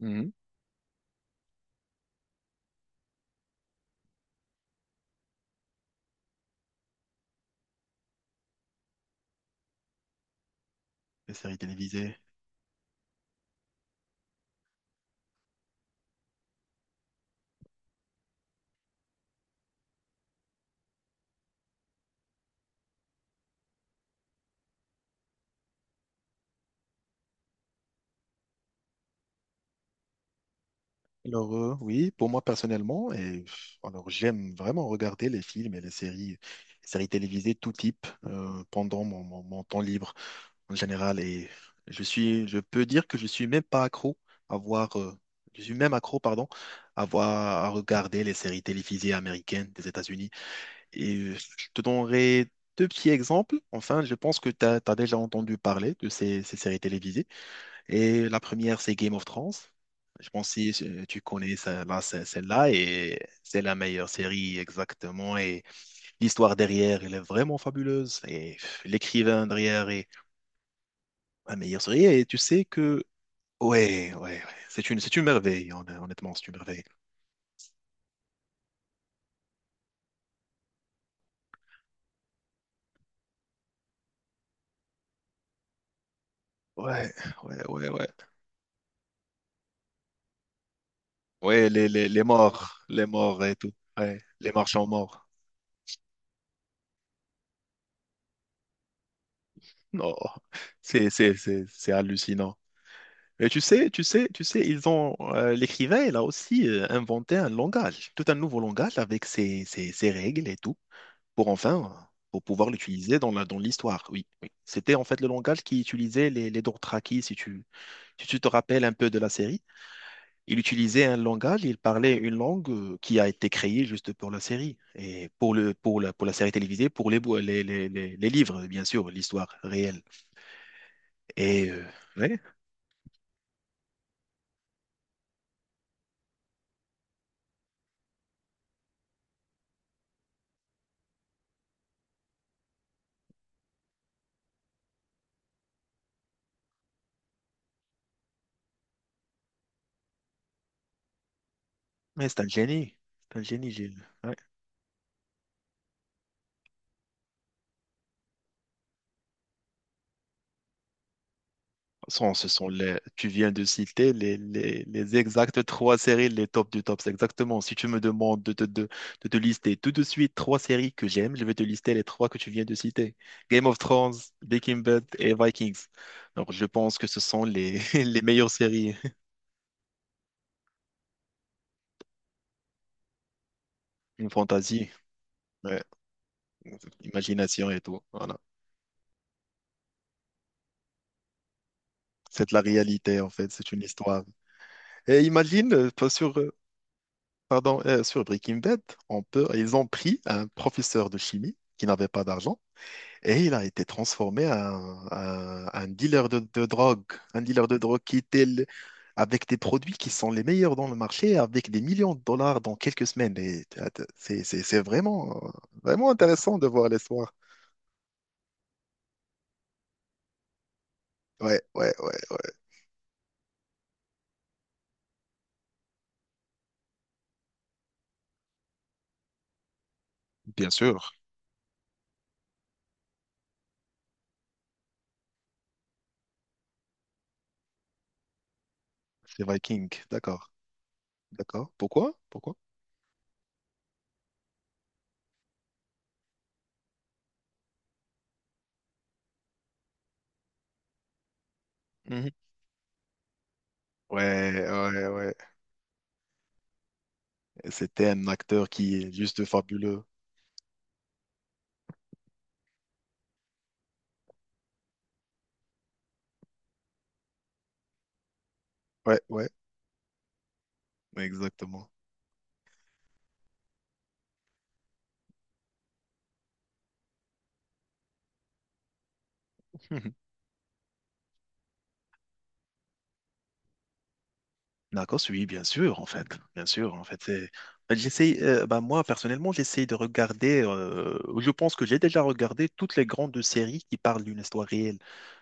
Mhm. Les séries télévisées. Alors, oui, pour moi personnellement, et alors j'aime vraiment regarder les films et les séries télévisées tout type pendant mon temps libre en général. Et je suis, je peux dire que je suis même pas accro à voir, je suis même accro, pardon, à voir, à regarder les séries télévisées américaines des États-Unis. Et je te donnerai deux petits exemples. Enfin, je pense que tu as déjà entendu parler de ces séries télévisées. Et la première, c'est Game of Thrones. Je pense si tu connais là, celle-là, et c'est la meilleure série exactement. Et l'histoire derrière, elle est vraiment fabuleuse. Et l'écrivain derrière est la meilleure série. Et tu sais que, ouais, ouais, ouais, c'est une merveille, honnêtement, c'est une merveille. Ouais, ouais, ouais, ouais. Ouais, les morts et tout. Ouais, les marchands morts. Non, c'est hallucinant. Et tu sais, tu sais, tu sais, ils ont l'écrivain, il a aussi inventé un langage, tout un nouveau langage avec ses, ses règles et tout, pour enfin, pour pouvoir l'utiliser dans la, dans l'histoire. Oui, oui. C'était en fait le langage qui utilisait les Dothraki, si tu, si tu te rappelles un peu de la série. Il utilisait un langage, il parlait une langue qui a été créée juste pour la série et pour le, pour la série télévisée, pour les, les livres, bien sûr, l'histoire réelle. Et ouais, ouais, c'est un génie. C'est un génie, Gilles. Ce sont les, tu viens de citer les exactes trois séries, les tops du top. C'est exactement. Si tu me demandes de te lister tout de suite trois séries que j'aime, je vais te lister les trois que tu viens de citer. Game of Thrones, Breaking Bad et Vikings. Donc, je pense que ce sont les, les meilleures séries. Une fantaisie, ouais, imagination et tout. Voilà. C'est de la réalité, en fait. C'est une histoire. Et imagine, pas sur, pardon, sur Breaking Bad, on peut, ils ont pris un professeur de chimie qui n'avait pas d'argent. Et il a été transformé en, en dealer de drogue, un dealer de drogue qui était avec des produits qui sont les meilleurs dans le marché, avec des millions de dollars dans quelques semaines. Et c'est vraiment, vraiment intéressant de voir l'histoire. Ouais, ouais, ouais, ouais. Bien sûr, c'est Viking. D'accord, d'accord. Pourquoi? Pourquoi? Mhm. Ouais, ouais, ouais. C'était un acteur qui est juste fabuleux. Ouais, ouais, exactement. D'accord, oui, bien sûr, en fait, bien sûr, en fait, ben, j'essaye, ben, moi, personnellement, j'essaye de regarder, je pense que j'ai déjà regardé toutes les grandes séries qui parlent d'une histoire réelle.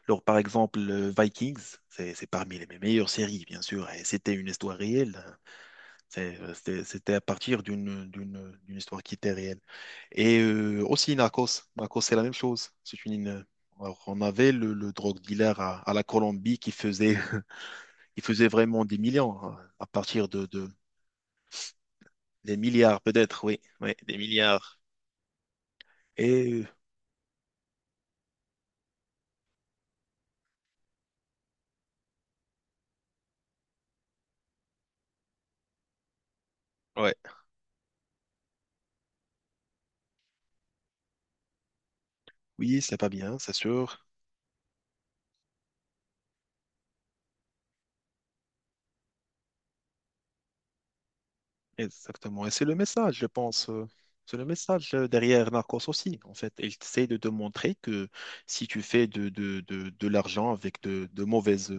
Alors, par exemple, Vikings, c'est parmi les mes meilleures séries, bien sûr, et c'était une histoire réelle, hein. C'était à partir d'une histoire qui était réelle. Et aussi Narcos, Narcos, c'est la même chose, c'est une... Alors, on avait le drogue dealer à la Colombie qui faisait il faisait vraiment des millions hein, à partir des milliards, peut-être, oui. Oui, des milliards. Et ouais, oui, c'est pas bien, c'est sûr. Exactement. Et c'est le message, je pense. C'est le message derrière Narcos aussi, en fait. Il essaie de te montrer que si tu fais de l'argent avec de,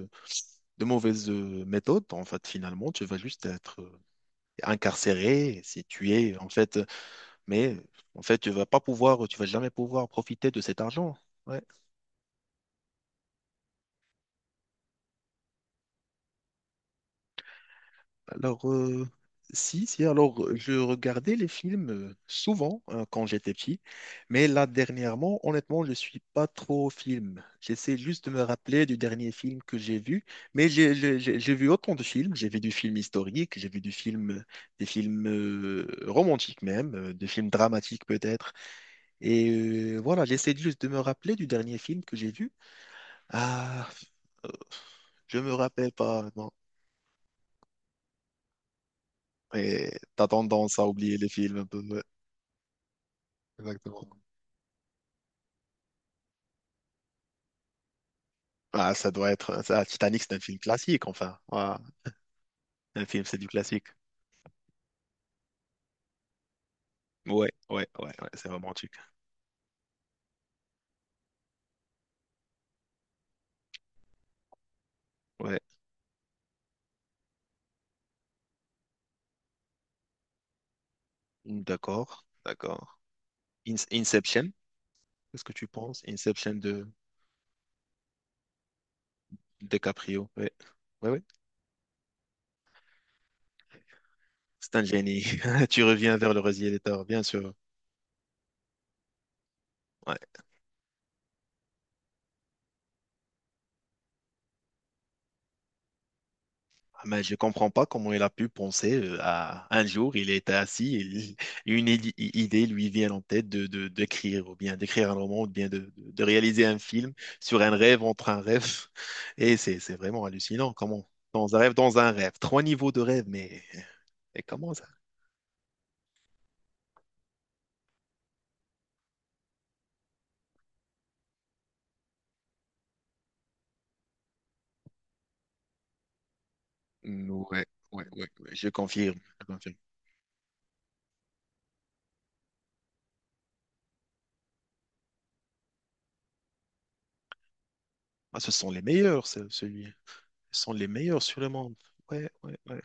de mauvaises méthodes, en fait, finalement, tu vas juste être incarcéré, si tu es, en fait. Mais, en fait, tu vas pas pouvoir, tu vas jamais pouvoir profiter de cet argent. Ouais. Alors, si, si, alors je regardais les films souvent hein, quand j'étais petit, mais là dernièrement, honnêtement, je suis pas trop au film. J'essaie juste de me rappeler du dernier film que j'ai vu, mais j'ai vu autant de films. J'ai vu du film historique, j'ai vu du film, des films romantiques même, des films dramatiques peut-être. Et voilà, j'essaie juste de me rappeler du dernier film que j'ai vu. Ah, euh, je me rappelle pas, non. Et t'as tendance à oublier les films un peu. Ouais. Exactement. Ah, ça doit être ça. Titanic, c'est un film classique, enfin. Voilà. Un film, c'est du classique. Ouais, ouais, ouais, ouais, c'est romantique. Ouais. D'accord, d'accord. Inception, qu'est-ce que tu penses? Inception de DiCaprio. Ouais, ouais, ouais. C'est un génie. Tu reviens vers le rosier des torts, bien sûr. Ah, mais je comprends pas comment il a pu penser à un jour, il était assis et une idée lui vient en tête d'écrire, ou bien d'écrire un roman, ou bien de réaliser un film sur un rêve entre un rêve. Et c'est vraiment hallucinant. Comment? Dans un rêve, dans un rêve. Trois niveaux de rêve, mais comment ça? Mm. Ouais, ouais, ouais, ouais, je confirme. Ah, ce sont les meilleurs, celui. Ce sont les meilleurs sur le monde. Ouais, ouais, ouais.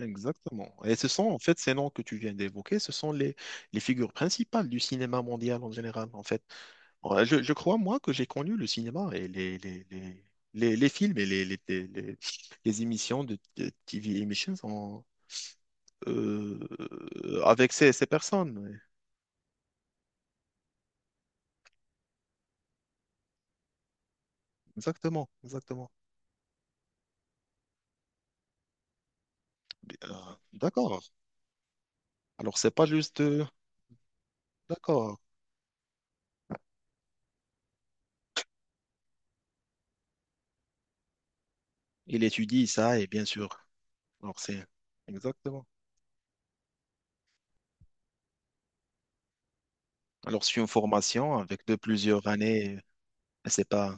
Exactement. Et ce sont, en fait, ces noms que tu viens d'évoquer, ce sont les figures principales du cinéma mondial en général, en fait. Ouais, je crois, moi, que j'ai connu le cinéma et les films et les émissions de TV Emissions euh, avec ces, ces personnes. Ouais. Exactement, exactement. Euh, d'accord. Alors, c'est pas juste... d'accord. Il étudie ça, et bien sûr. Alors, c'est... Exactement. Alors, c'est une formation avec de plusieurs années, c'est pas...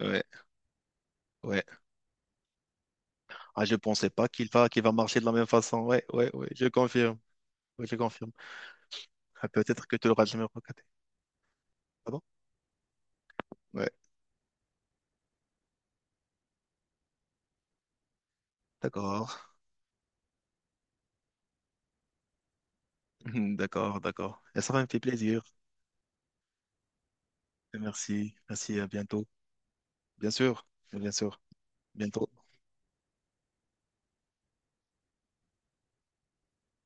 Ouais, ouais. Ah, je pensais pas qu'il va, qu'il va marcher de la même façon. Ouais, ouais, ouais, je confirme. Ouais, je confirme. Ah, peut-être que tu l'auras jamais regretté. Ah bon? Ouais, d'accord. D'accord, d'accord. Et ça me fait plaisir. Merci, merci, à bientôt. Bien sûr, bien sûr. Bientôt.